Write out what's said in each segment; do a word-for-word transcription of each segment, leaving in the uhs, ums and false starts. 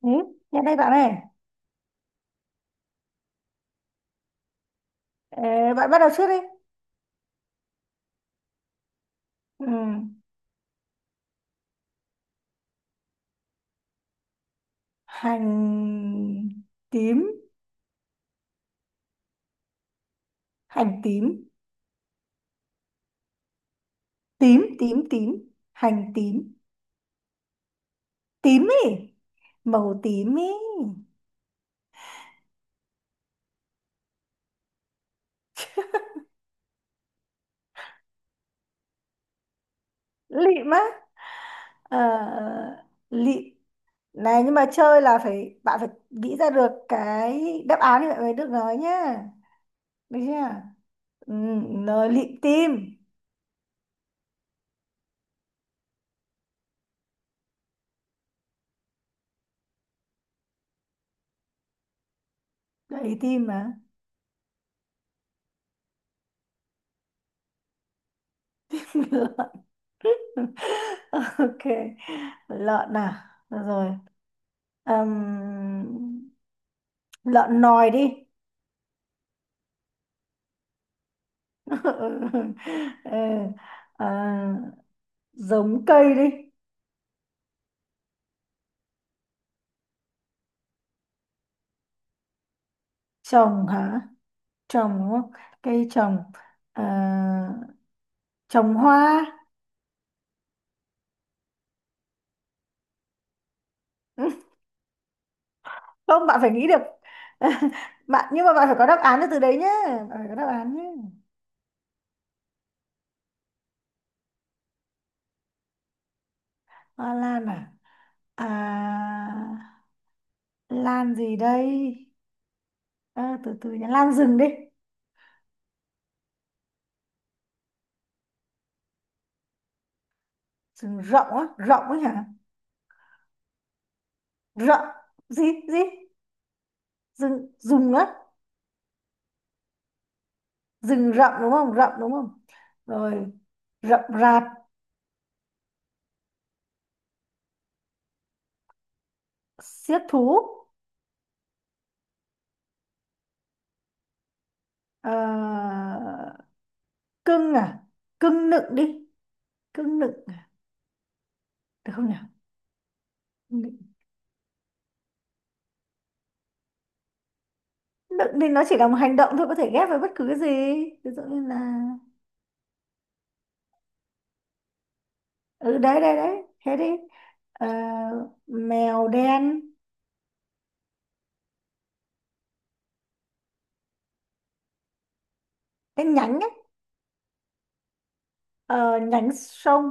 Ừ, nhân đây bạn này. Ờ, Bạn bắt đầu trước đi. Ừ. Hành tím, hành tím, tím, tím, tím, hành tím, tím ý, màu tím ý, lịm á, Ờ, lịm. Này nhưng mà chơi là phải, bạn phải nghĩ ra được cái đáp án thì bạn mới được nói nhá. Được chưa? Ừ, nói lịm tim, đấy tim mà. ok, lợn à. Được rồi. Ừm, Lợn nòi đi. Ừ. Ừ, à, giống cây đi. Trồng hả, trồng đúng không, cây trồng, à, trồng hoa. Không, bạn phải nghĩ được. Bạn, nhưng mà bạn phải có đáp án từ đấy nhé, bạn phải có đáp án nhé. Hoa lan à, à lan gì đây, à, từ từ nhá, lan rừng đi. Rừng rộng á, rộng ấy hả, rộng gì, gì, rừng rừng á, rừng rậm đúng không, rậm đúng không, rồi rậm rạp, xiết thú. Ờ, Cưng à, cưng nựng đi, cưng nựng à? Được không nhỉ, nựng. Nựng thì nó chỉ là một hành động thôi, có thể ghép với bất cứ cái gì, ví dụ như là, ừ đấy đấy đấy thế đi. Ờ, Mèo đen, cái nhánh ấy. Ờ, Nhánh sông,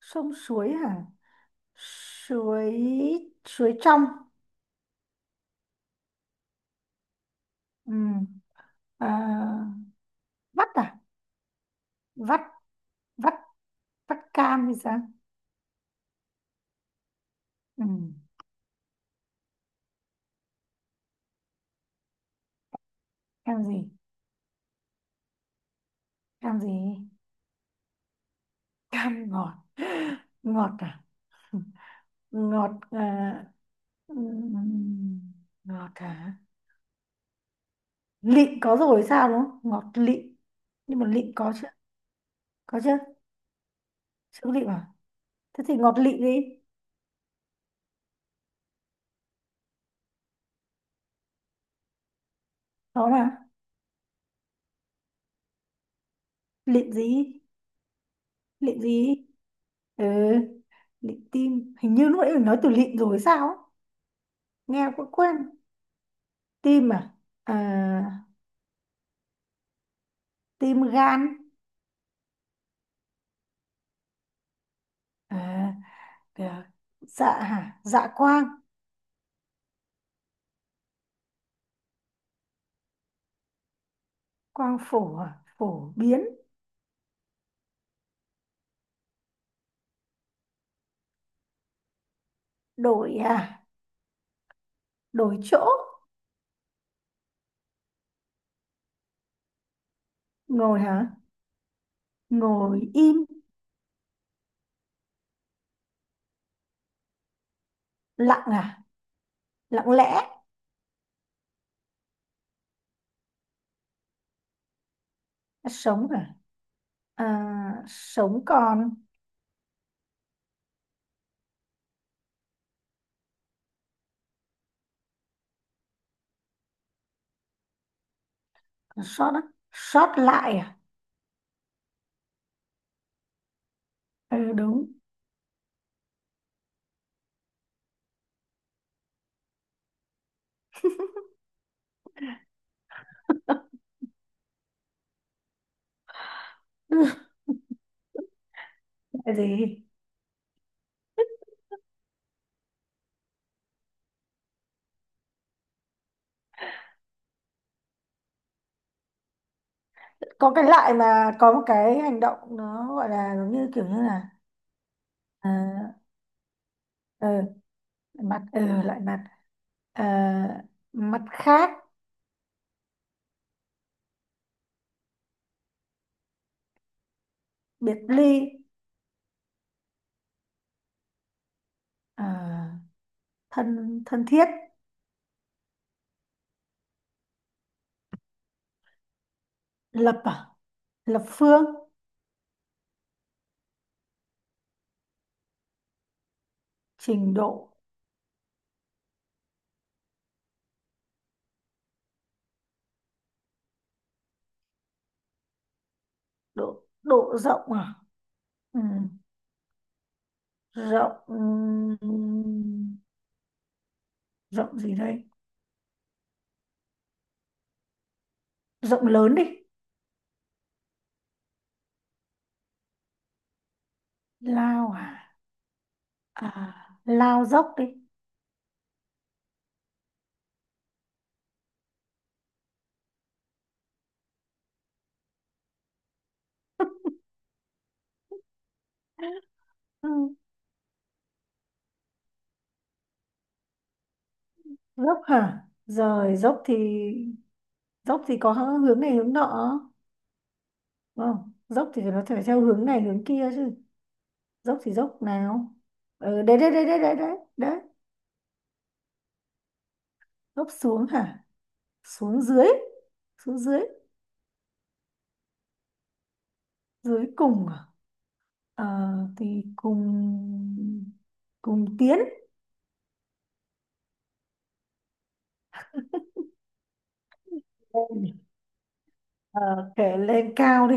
sông suối hả, suối, suối trong. Ừ. À, vắt à, vắt, vắt, vắt cam thì sao. Ừ. Cam gì, cam gì, cam ngọt. Ngọt à, ngọt à, ừm, ngọt à, lịm có rồi sao đúng không, ngọt lịm, nhưng mà lịm có chưa, có chưa, chưa có lịm à, thế thì ngọt lịm đi, có mà, lịm gì, lịm gì. Ừ, lịm tim, hình như lúc nãy mình nói từ lịm rồi sao ấy. Nghe cũng quên. Tim à, à tim gan, à, à, dạ hả, dạ quang, quang phổ à, phổ biến, đổi à, đổi chỗ, ngồi hả, ngồi im, lặng à, lặng lẽ, sống à, à sống còn, sót á, sót lại à, ừ, đúng. Ừ, lại gì. Có cái lại mà có một cái hành động nó gọi là giống như kiểu như là, à, ờ, mặt ờ lại mặt, à, mặt khác, biệt ly, à, thân thân thiết lập, à lập phương trình độ, độ, độ rộng à. Ừ. Rộng, rộng gì đây, rộng lớn đi, lao à, à lao dốc đi. Ừ. Dốc hả, rồi dốc thì, dốc thì có hướng này hướng nọ, đúng không, dốc thì nó phải theo hướng này hướng kia chứ, dốc thì dốc nào. Ừ, đấy đấy đấy đấy đấy đấy, dốc xuống hả, xuống dưới, xuống dưới, dưới cùng à? Ờ, thì cùng, cùng tiến lên. Ờ, Kể lên cao đi,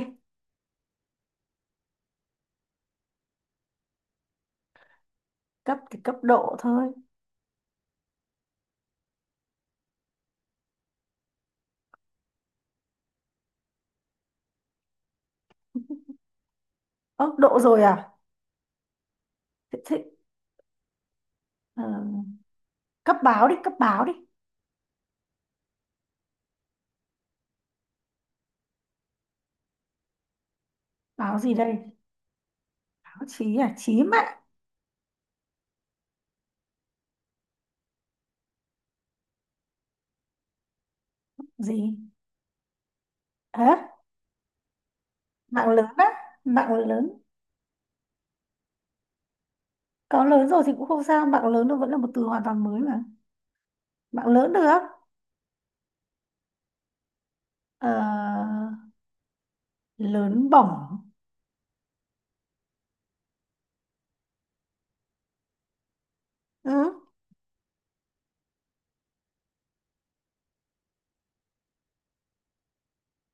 cấp thì cấp độ thôi, ơ độ rồi à, thế, thế, ờ, cấp báo đi, cấp báo đi, báo gì đây, báo chí à, chí mạng, gì, à, mạng lớn á, mạng lớn, có lớn rồi thì cũng không sao, mạng lớn nó vẫn là một từ hoàn toàn mới mà, mạng lớn được. Ờ, Lớn bổng. Ừ.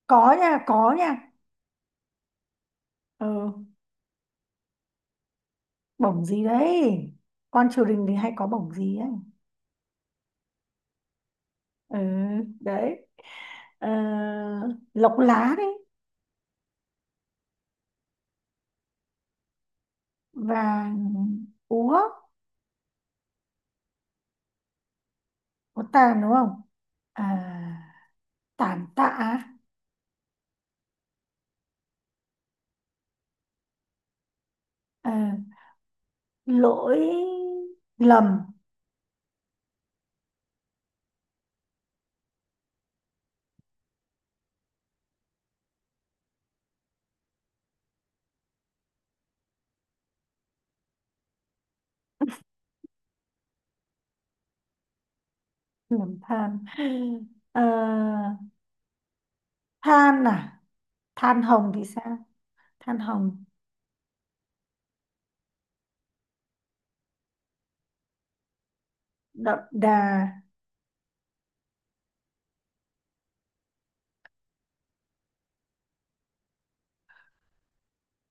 Có nha, có nha. Ừ. Bổng gì đấy, con triều đình thì hay có bổng gì ấy, ừ, đấy. Ờ, Lộc lá đấy, vàng úa, có tàn đúng không, à, tàn tạ à? Ờ, Lỗi lầm, lầm than. Ờ, Than à, than hồng thì sao, than hồng đậm đà,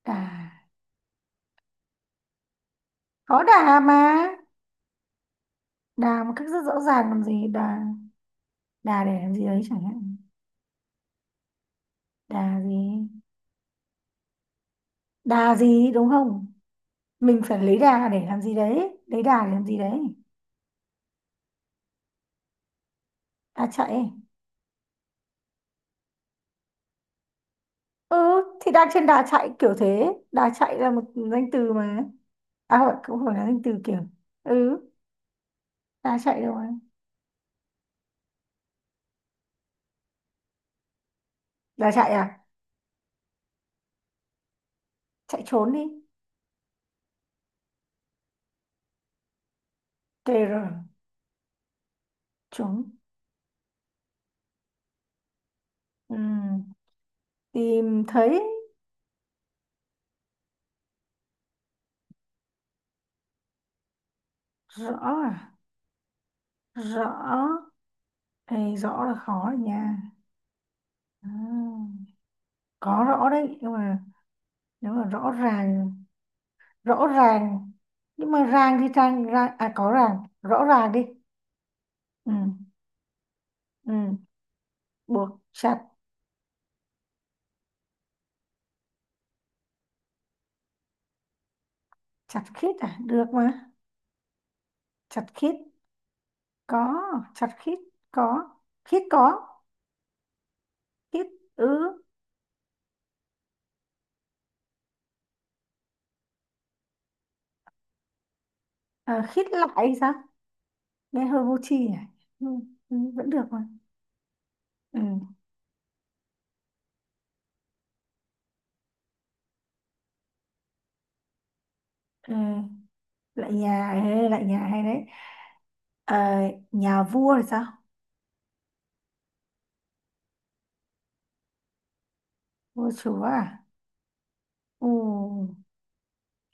đà, có đà mà, đà một cách rất rõ ràng làm gì đà, đà để làm gì đấy chẳng hạn, đà gì, đà gì đúng không, mình phải lấy đà để làm gì đấy, lấy đà để làm gì đấy, đà chạy, ừ thì đang trên đà chạy kiểu thế, đà chạy là một danh từ mà, à không, cũng phải là danh từ kiểu, ừ, đà chạy rồi, đà chạy à, chạy trốn đi, tr trốn. Ừ. Tìm thấy, rõ à, rõ. Ê, rõ là khó rồi nha. Ừ. Có rõ đấy nhưng mà, nếu mà rõ ràng, rõ ràng, nhưng mà ràng thì ràng, ràng à có ràng rõ ràng đi, ừ, ừ, buộc chặt, chặt khít à, được mà, chặt khít có, chặt khít có, khít có, khít ứ, à, khít lại hay sao, nghe hơi vô tri nhỉ, ừ, ừ, vẫn được mà, ừ, ừ. Lại nhà, ê, lại nhà hay đấy. Ờ, Nhà vua thì sao, vua chúa à, ừ,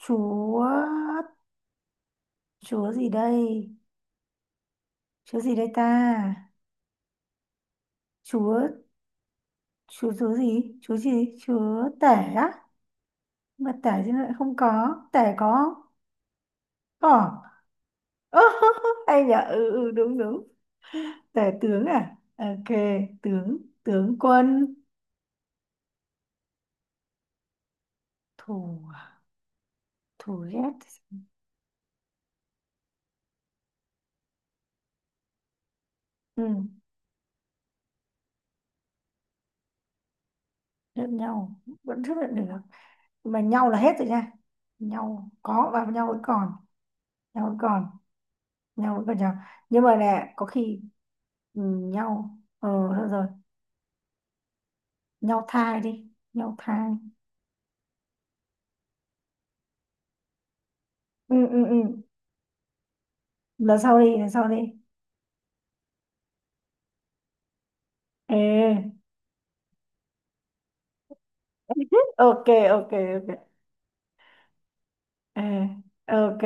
chúa, chúa gì đây, chúa gì đây ta, chúa, chúa chúa gì, chúa gì, chúa tể, á, mà tể thì lại không có, tể có, có. Ơ, hay nhở, ừ, ừ đúng đúng, tể tướng à, ok, tướng, tướng quân, thủ, thủ ghét, ừ, lẫn nhau vẫn chấp nhận được, mà nhau là hết rồi nha, nhau có và nhau vẫn còn, nhau vẫn còn, nhau vẫn còn nhau, nhưng mà nè có khi, ừ, nhau ờ, thôi rồi, nhau thai đi, nhau thai, ừ ừ ừ, lần sau đi, lần sau đi. Ê, ok, ok, ok. Ê, ok.